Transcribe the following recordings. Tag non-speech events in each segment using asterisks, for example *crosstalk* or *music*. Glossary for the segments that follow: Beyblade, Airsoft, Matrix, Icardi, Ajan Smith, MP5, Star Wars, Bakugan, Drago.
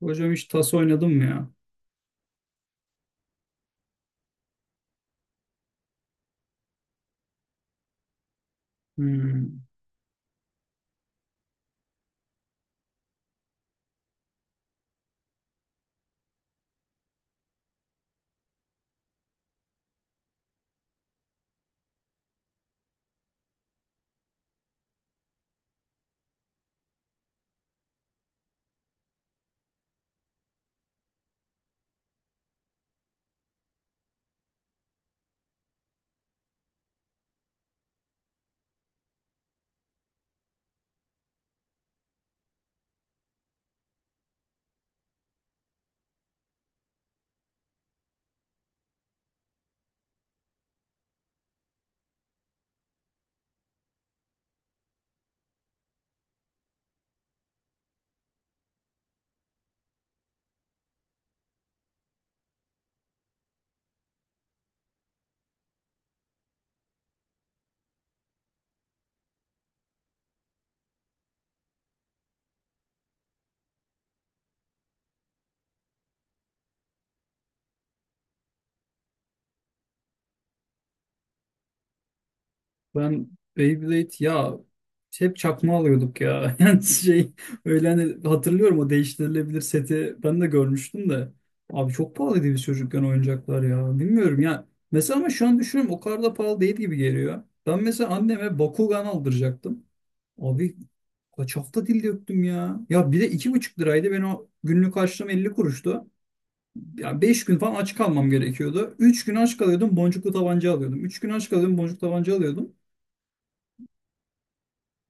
Hocam hiç tas oynadım mı ya? Hmm. Ben Beyblade ya, hep çakma alıyorduk ya. *laughs* Yani şey, öyle hani hatırlıyorum o değiştirilebilir seti ben de görmüştüm de. Abi çok pahalıydı biz çocukken oyuncaklar ya. Bilmiyorum ya. Mesela ama şu an düşünüyorum o kadar da pahalı değil gibi geliyor. Ben mesela anneme Bakugan aldıracaktım. Abi kaç hafta dil döktüm ya. Ya bir de 2,5 liraydı. Ben o günlük harçlığım 50 kuruştu. Ya 5 gün falan aç kalmam gerekiyordu. 3 gün aç kalıyordum, boncuklu tabanca alıyordum. 3 gün aç kalıyordum, boncuklu tabanca alıyordum.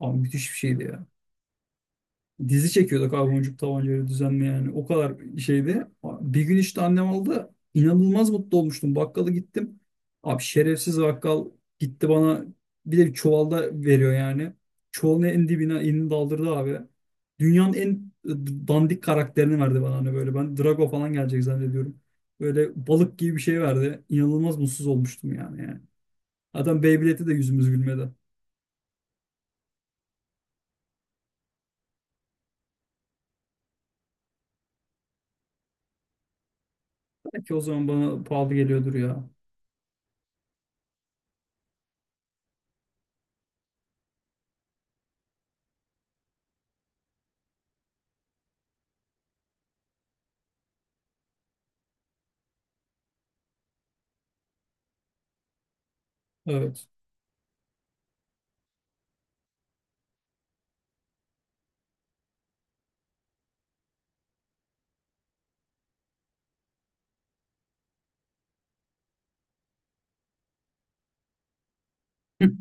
Abi müthiş bir şeydi ya. Dizi çekiyorduk abi boncuk tabancayla düzenli yani. O kadar şeydi. Bir gün işte annem aldı. İnanılmaz mutlu olmuştum. Bakkala gittim. Abi şerefsiz bakkal gitti bana, bir de bir çuvalda veriyor yani. Çuvalın en dibine elini daldırdı abi. Dünyanın en dandik karakterini verdi bana hani böyle. Ben Drago falan gelecek zannediyorum. Böyle balık gibi bir şey verdi. İnanılmaz mutsuz olmuştum yani. Adam Beyblade'e de yüzümüz gülmedi. Belki o zaman bana pahalı geliyordur ya. Evet. *laughs*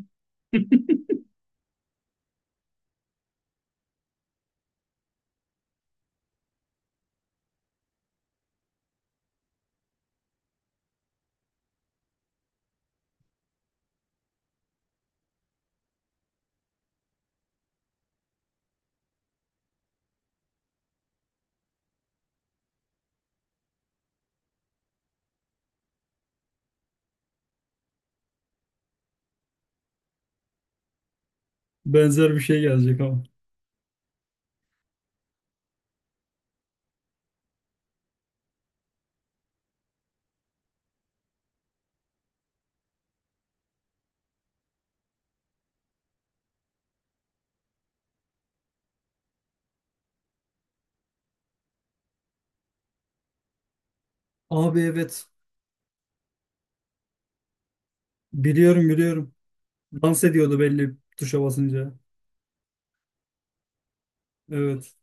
Benzer bir şey gelecek ama. Abi evet. Biliyorum, biliyorum. Dans ediyordu belli tuşa basınca. Evet.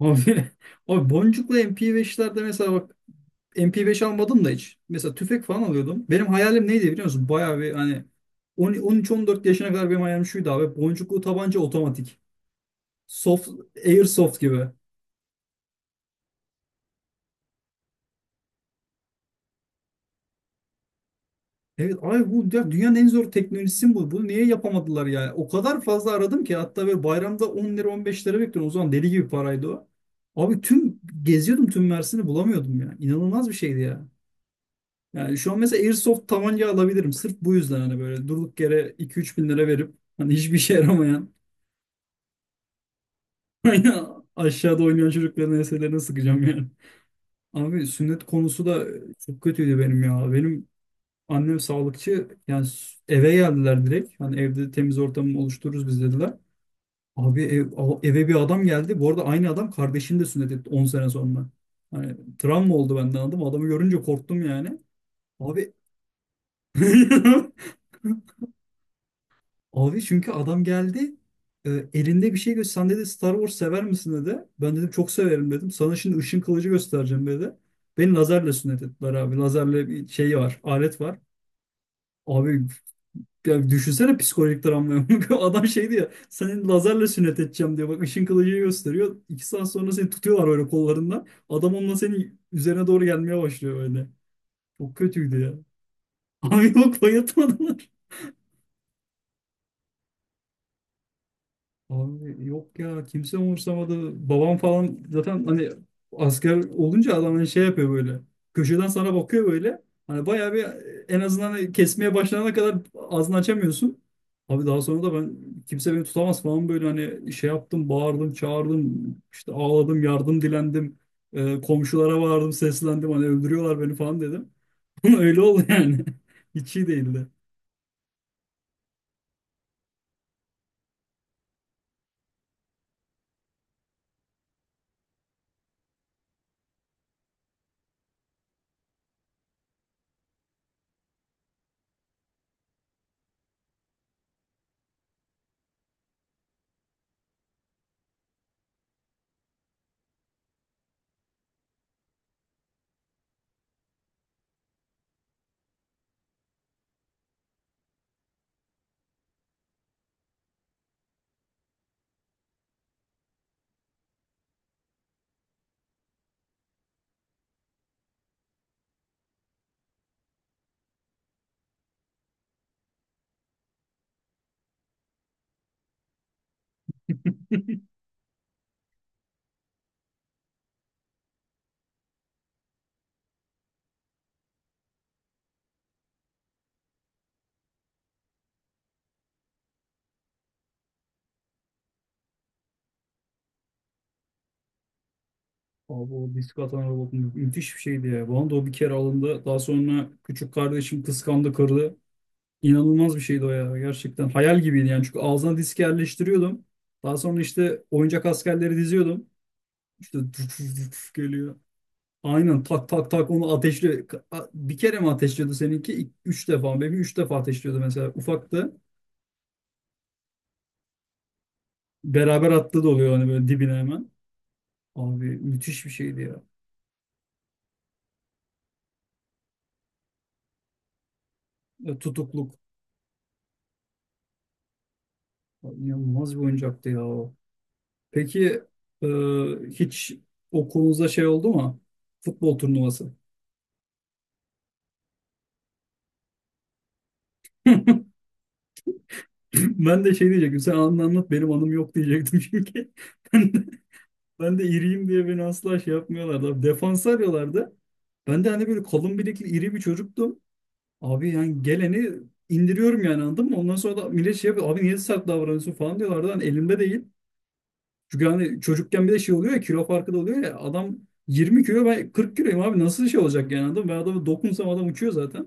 Abi, *laughs* abi boncuklu MP5'lerde mesela bak, MP5 almadım da hiç. Mesela tüfek falan alıyordum. Benim hayalim neydi biliyor musun? Bayağı bir hani 10 13-14 yaşına kadar benim hayalim şuydu abi. Boncuklu tabanca otomatik. Soft, airsoft gibi. Evet, ay bu ya, dünyanın en zor teknolojisi bu. Bunu niye yapamadılar yani? O kadar fazla aradım ki, hatta böyle bayramda 10 lira, 15 lira bekliyorum. O zaman deli gibi paraydı o. Abi tüm geziyordum, tüm Mersin'i bulamıyordum ya. İnanılmaz bir şeydi ya. Yani şu an mesela Airsoft tabanca alabilirim. Sırf bu yüzden hani böyle durduk yere iki üç bin lira verip hani hiçbir işe yaramayan, *laughs* aşağıda oynayan çocukların enselerine sıkacağım yani. Abi sünnet konusu da çok kötüydü benim ya. Benim annem sağlıkçı yani, eve geldiler direkt. Hani evde temiz ortamı oluştururuz biz dediler. Abi eve bir adam geldi. Bu arada aynı adam kardeşini de sünnet etti 10 sene sonra. Hani travma oldu benden adam. Adamı görünce korktum yani. Abi. *laughs* Abi çünkü adam geldi, elinde bir şey göster. Sen dedi, Star Wars sever misin dedi. Ben dedim çok severim dedim. Sana şimdi ışın kılıcı göstereceğim dedi. Beni lazerle sünnet ettiler abi. Lazerle bir şey var. Alet var. Abi, ya düşünsene psikolojik travmayı. *laughs* Adam şeydi ya, seni lazerle sünnet edeceğim diyor. Bak, ışın kılıcı gösteriyor. 2 saat sonra seni tutuyorlar böyle kollarından. Adam onunla senin üzerine doğru gelmeye başlıyor böyle. Çok kötüydü ya. *laughs* Abi yok, bayatmadılar. Abi yok ya, kimse umursamadı. Babam falan zaten hani asker olunca adam hani şey yapıyor böyle. Köşeden sana bakıyor böyle. Hani bayağı bir, en azından hani kesmeye başlanana kadar ağzını açamıyorsun. Abi daha sonra da ben kimse beni tutamaz falan böyle hani şey yaptım, bağırdım, çağırdım, işte ağladım, yardım dilendim. Komşulara bağırdım, seslendim, hani öldürüyorlar beni falan dedim. *laughs* Öyle oldu yani. *laughs* Hiç iyi değildi. Abi o disk atan robot müthiş bir şeydi ya. Bana da o bir kere alındı. Daha sonra küçük kardeşim kıskandı, kırdı. İnanılmaz bir şeydi o ya. Gerçekten hayal gibiydi yani. Çünkü ağzına disk yerleştiriyordum. Daha sonra işte oyuncak askerleri diziyordum. İşte tüf tüf tüf tüf geliyor. Aynen tak tak tak onu ateşli. Bir kere mi ateşliyordu seninki? 3 defa. Benim 3 defa ateşliyordu mesela. Ufaktı. Beraber attığı da oluyor hani böyle dibine hemen. Abi müthiş bir şeydi ya. Ya, tutukluk. Ya İnanılmaz bir oyuncaktı ya o. Peki, e, hiç okulunuzda şey oldu mu? Futbol turnuvası. *clears throat* *laughs* Ben de şey diyecektim. Sen anını anlat, benim anım yok diyecektim çünkü. *laughs* Ben de, ben de iriyim diye beni asla şey yapmıyorlardı. Abi, defans arıyorlardı. Ben de hani böyle kalın bilekli iri bir çocuktum. Abi yani geleni indiriyorum yani, anladın mı? Ondan sonra da millet şey yapıyor. Abi niye sert davranıyorsun falan diyorlardı. Hani elimde değil. Çünkü hani çocukken bir de şey oluyor ya, kilo farkı da oluyor ya. Adam 20 kilo, ben 40 kiloyum abi, nasıl şey olacak yani, anladın mı? Ben adamı dokunsam adam uçuyor zaten.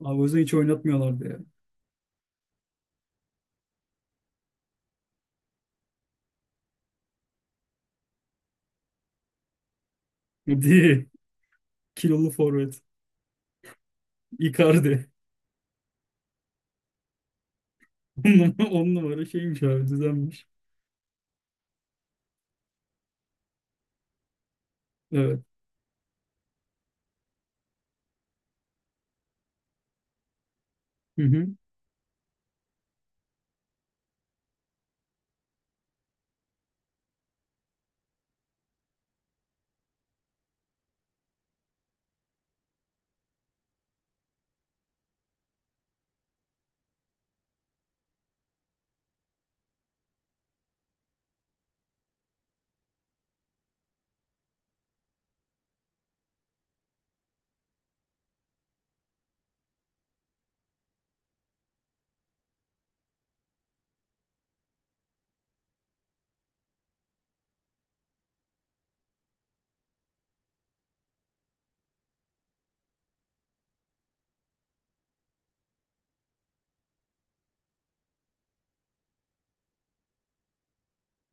Abi o yüzden hiç oynatmıyorlardı ya. Değil. Kilolu forvet. Icardi. *laughs* On numara, on numara şeymiş abi, düzenmiş. Evet. Hı hı.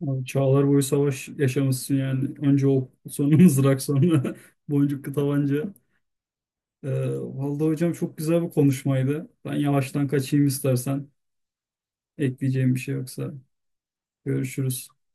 Abi çağlar boyu savaş yaşamışsın yani. Önce ok, sonra *laughs* mızrak, sonra *laughs* boncuklu tabanca. Ee, vallahi hocam çok güzel bir konuşmaydı. Ben yavaştan kaçayım istersen. Ekleyeceğim bir şey yoksa. Görüşürüz.